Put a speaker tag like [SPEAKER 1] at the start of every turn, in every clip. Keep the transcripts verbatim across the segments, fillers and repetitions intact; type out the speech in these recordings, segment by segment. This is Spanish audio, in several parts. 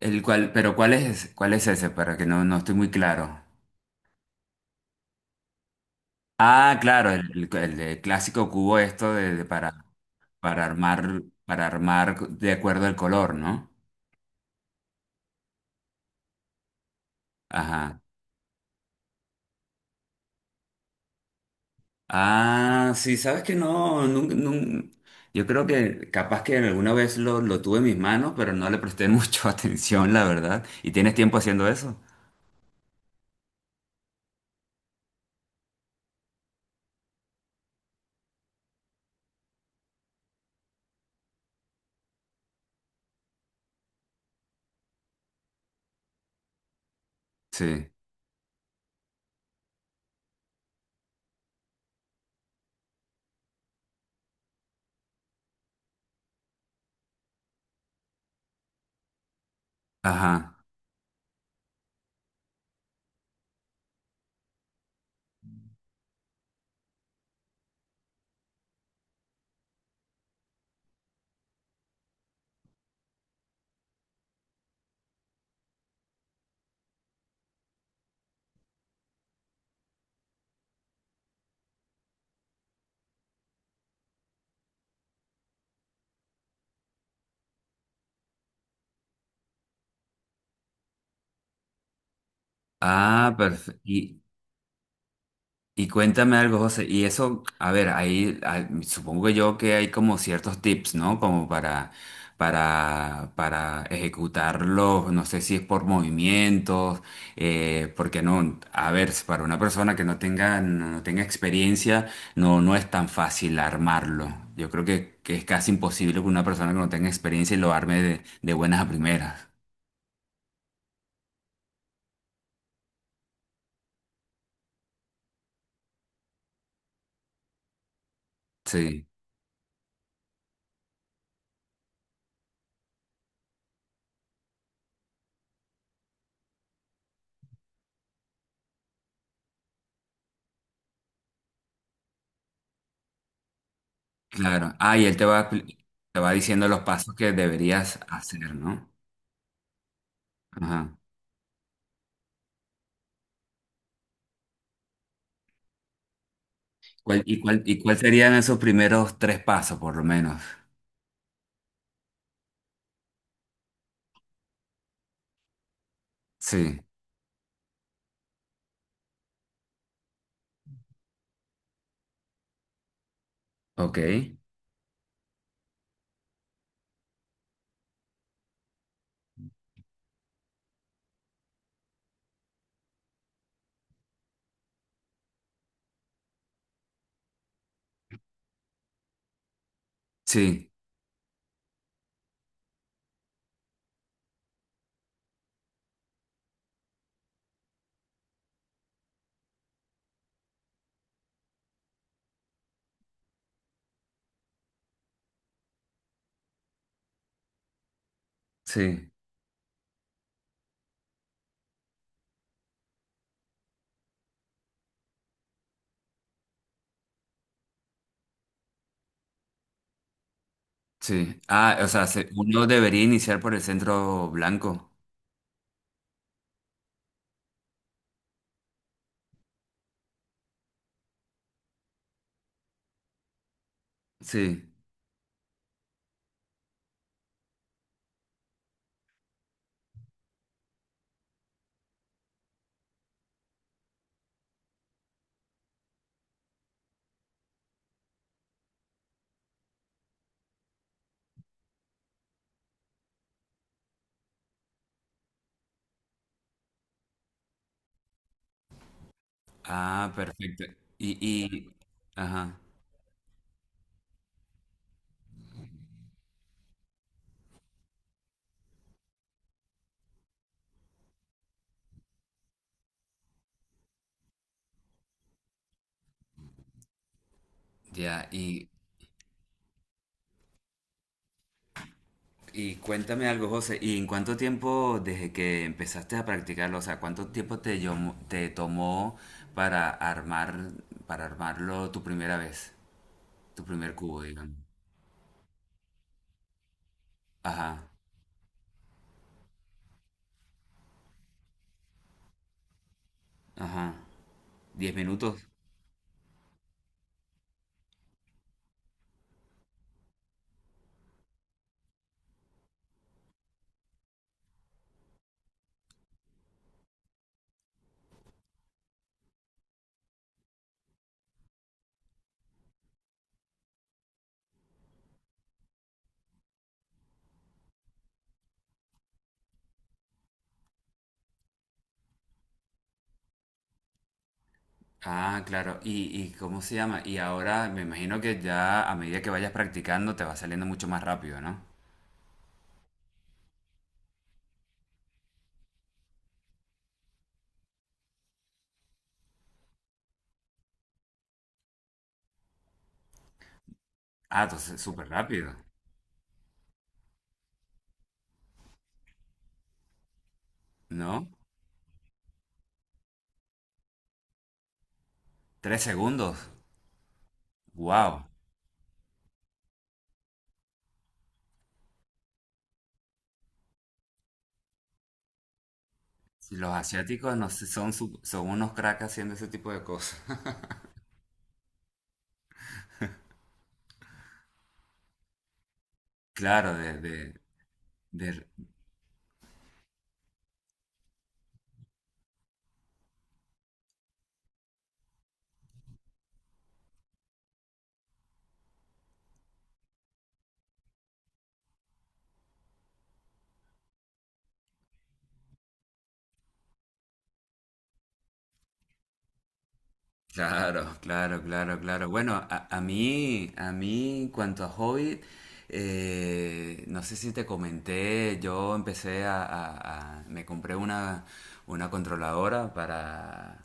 [SPEAKER 1] El cual, pero ¿cuál es, cuál es ese? Para que no, no estoy muy claro. Ah, claro, el, el- el de clásico cubo esto de, de para, para armar, para armar de acuerdo al color, ¿no? Ajá. Ah, sí, sabes que no, nun- nun- yo creo que capaz que alguna vez lo, lo tuve en mis manos, pero no le presté mucho atención, la verdad. ¿Y tienes tiempo haciendo eso? Sí. Ajá. Ah, perfecto. Y cuéntame algo, José. Y eso, a ver, ahí ah, supongo que yo que hay como ciertos tips, ¿no? Como para, para, para ejecutarlos, no sé si es por movimientos, eh, porque no, a ver, si para una persona que no tenga, no, no tenga experiencia, no, no es tan fácil armarlo. Yo creo que, que es casi imposible que una persona que no tenga experiencia lo arme de, de buenas a primeras. Sí, claro. Ah, y él te va, te va diciendo los pasos que deberías hacer, ¿no? Ajá. ¿Cuál- y, cuál, ¿Y cuál serían esos primeros tres pasos, por lo menos? Sí, ok. Sí, sí, sí. Ah, o sea, se- uno debería iniciar por el centro blanco. Sí. Ah, perfecto. Y, y, ajá, ya. Y, y cuéntame algo, José. ¿Y en cuánto tiempo desde que empezaste a practicarlo, o sea, cuánto tiempo te, llamó- te tomó para armar, para armarlo tu primera vez, tu primer cubo, digamos? Ajá, ajá. ¿Diez minutos? Ah, claro. ¿Y, y cómo se llama? Y ahora me imagino que ya a medida que vayas practicando te va saliendo mucho más rápido, ¿no? Ah, entonces súper rápido, ¿no? Tres segundos. Wow. Los asiáticos no sé, son, su- son unos cracks haciendo ese tipo de cosas. Claro, de, de, de- Claro, claro, claro, claro. Bueno, a, a mí, a mí, en cuanto a Hobbit, eh, no sé si te comenté, yo empecé a, a- a- me compré una, una controladora para,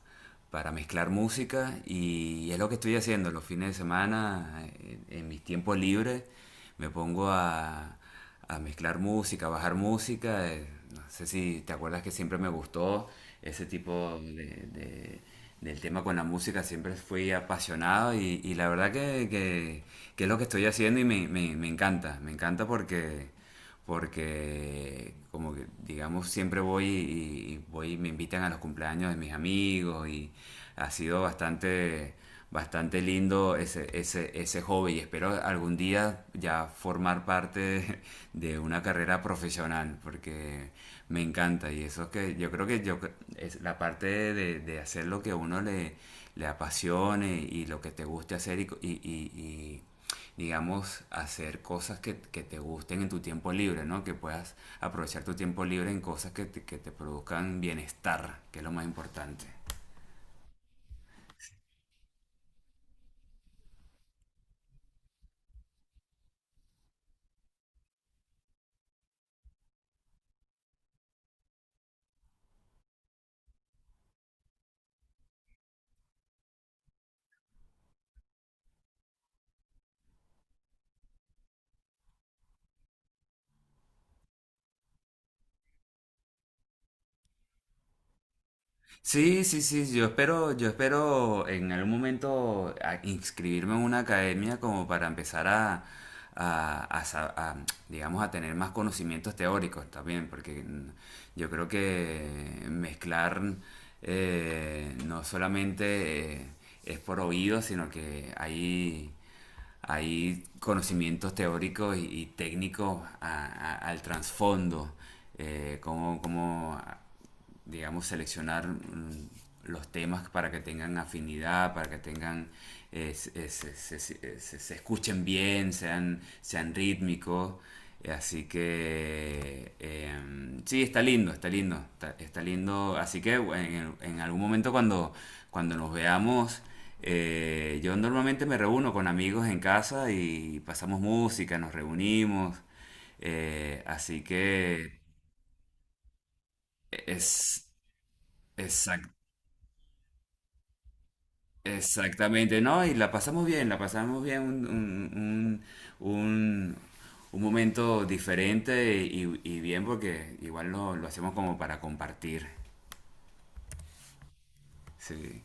[SPEAKER 1] para mezclar música y es lo que estoy haciendo los fines de semana, eh, en, mis tiempos libres, me pongo a, a mezclar música, a bajar música. Eh, no sé si te acuerdas que siempre me gustó ese tipo de, de- del tema con la música, siempre fui apasionado y, y la verdad que, que- que es lo que estoy haciendo y me, me- me encanta, me encanta porque, porque como como que, digamos, siempre voy y, y voy, me invitan a los cumpleaños de mis amigos y ha sido bastante, bastante lindo ese, ese, ese hobby. Y espero algún día ya formar parte de, de una carrera profesional porque me encanta y eso es que yo creo que yo, es la parte de, de hacer lo que a uno le, le apasione y lo que te guste hacer y, y, y y digamos, hacer cosas que, que te gusten en tu tiempo libre, ¿no? Que puedas aprovechar tu tiempo libre en cosas que te, que te produzcan bienestar, que es lo más importante. Sí, sí, sí, yo espero, yo espero en algún momento a- inscribirme en una academia como para empezar a, a- a sa- a, digamos, a tener más conocimientos teóricos también, porque mm, yo creo que mezclar eh, no solamente eh, es por oído, sino que hay, hay conocimientos teóricos y, y técnicos a- a- al trasfondo, eh, cómo, cómo digamos, seleccionar mm, los temas para que tengan afinidad, para que tengan, eh, se, eh, se- se- se- eh, se- escuchen bien, sean, sean rítmicos. Así que, eh, sí, está lindo, está lindo, está, está lindo. Así que bueno, en, en algún momento cuando, cuando nos veamos, eh, yo normalmente me reúno con amigos en casa y pasamos música, nos reunimos. Eh, así que es exacto. Exactamente, ¿no? Y la pasamos bien, la pasamos bien, un, un, un, un- un momento diferente y, y bien porque igual lo, lo hacemos como para compartir. Sí.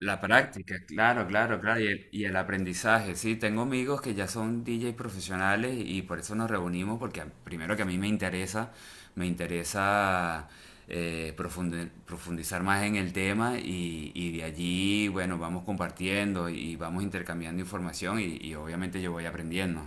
[SPEAKER 1] La práctica, claro, claro, claro, y el, y el aprendizaje, sí, tengo amigos que ya son D J profesionales y por eso nos reunimos, porque a- primero que a mí me interesa, me interesa eh, profundi- profundizar más en el tema y, y de allí, bueno, vamos compartiendo y vamos intercambiando información y, y obviamente yo voy aprendiendo.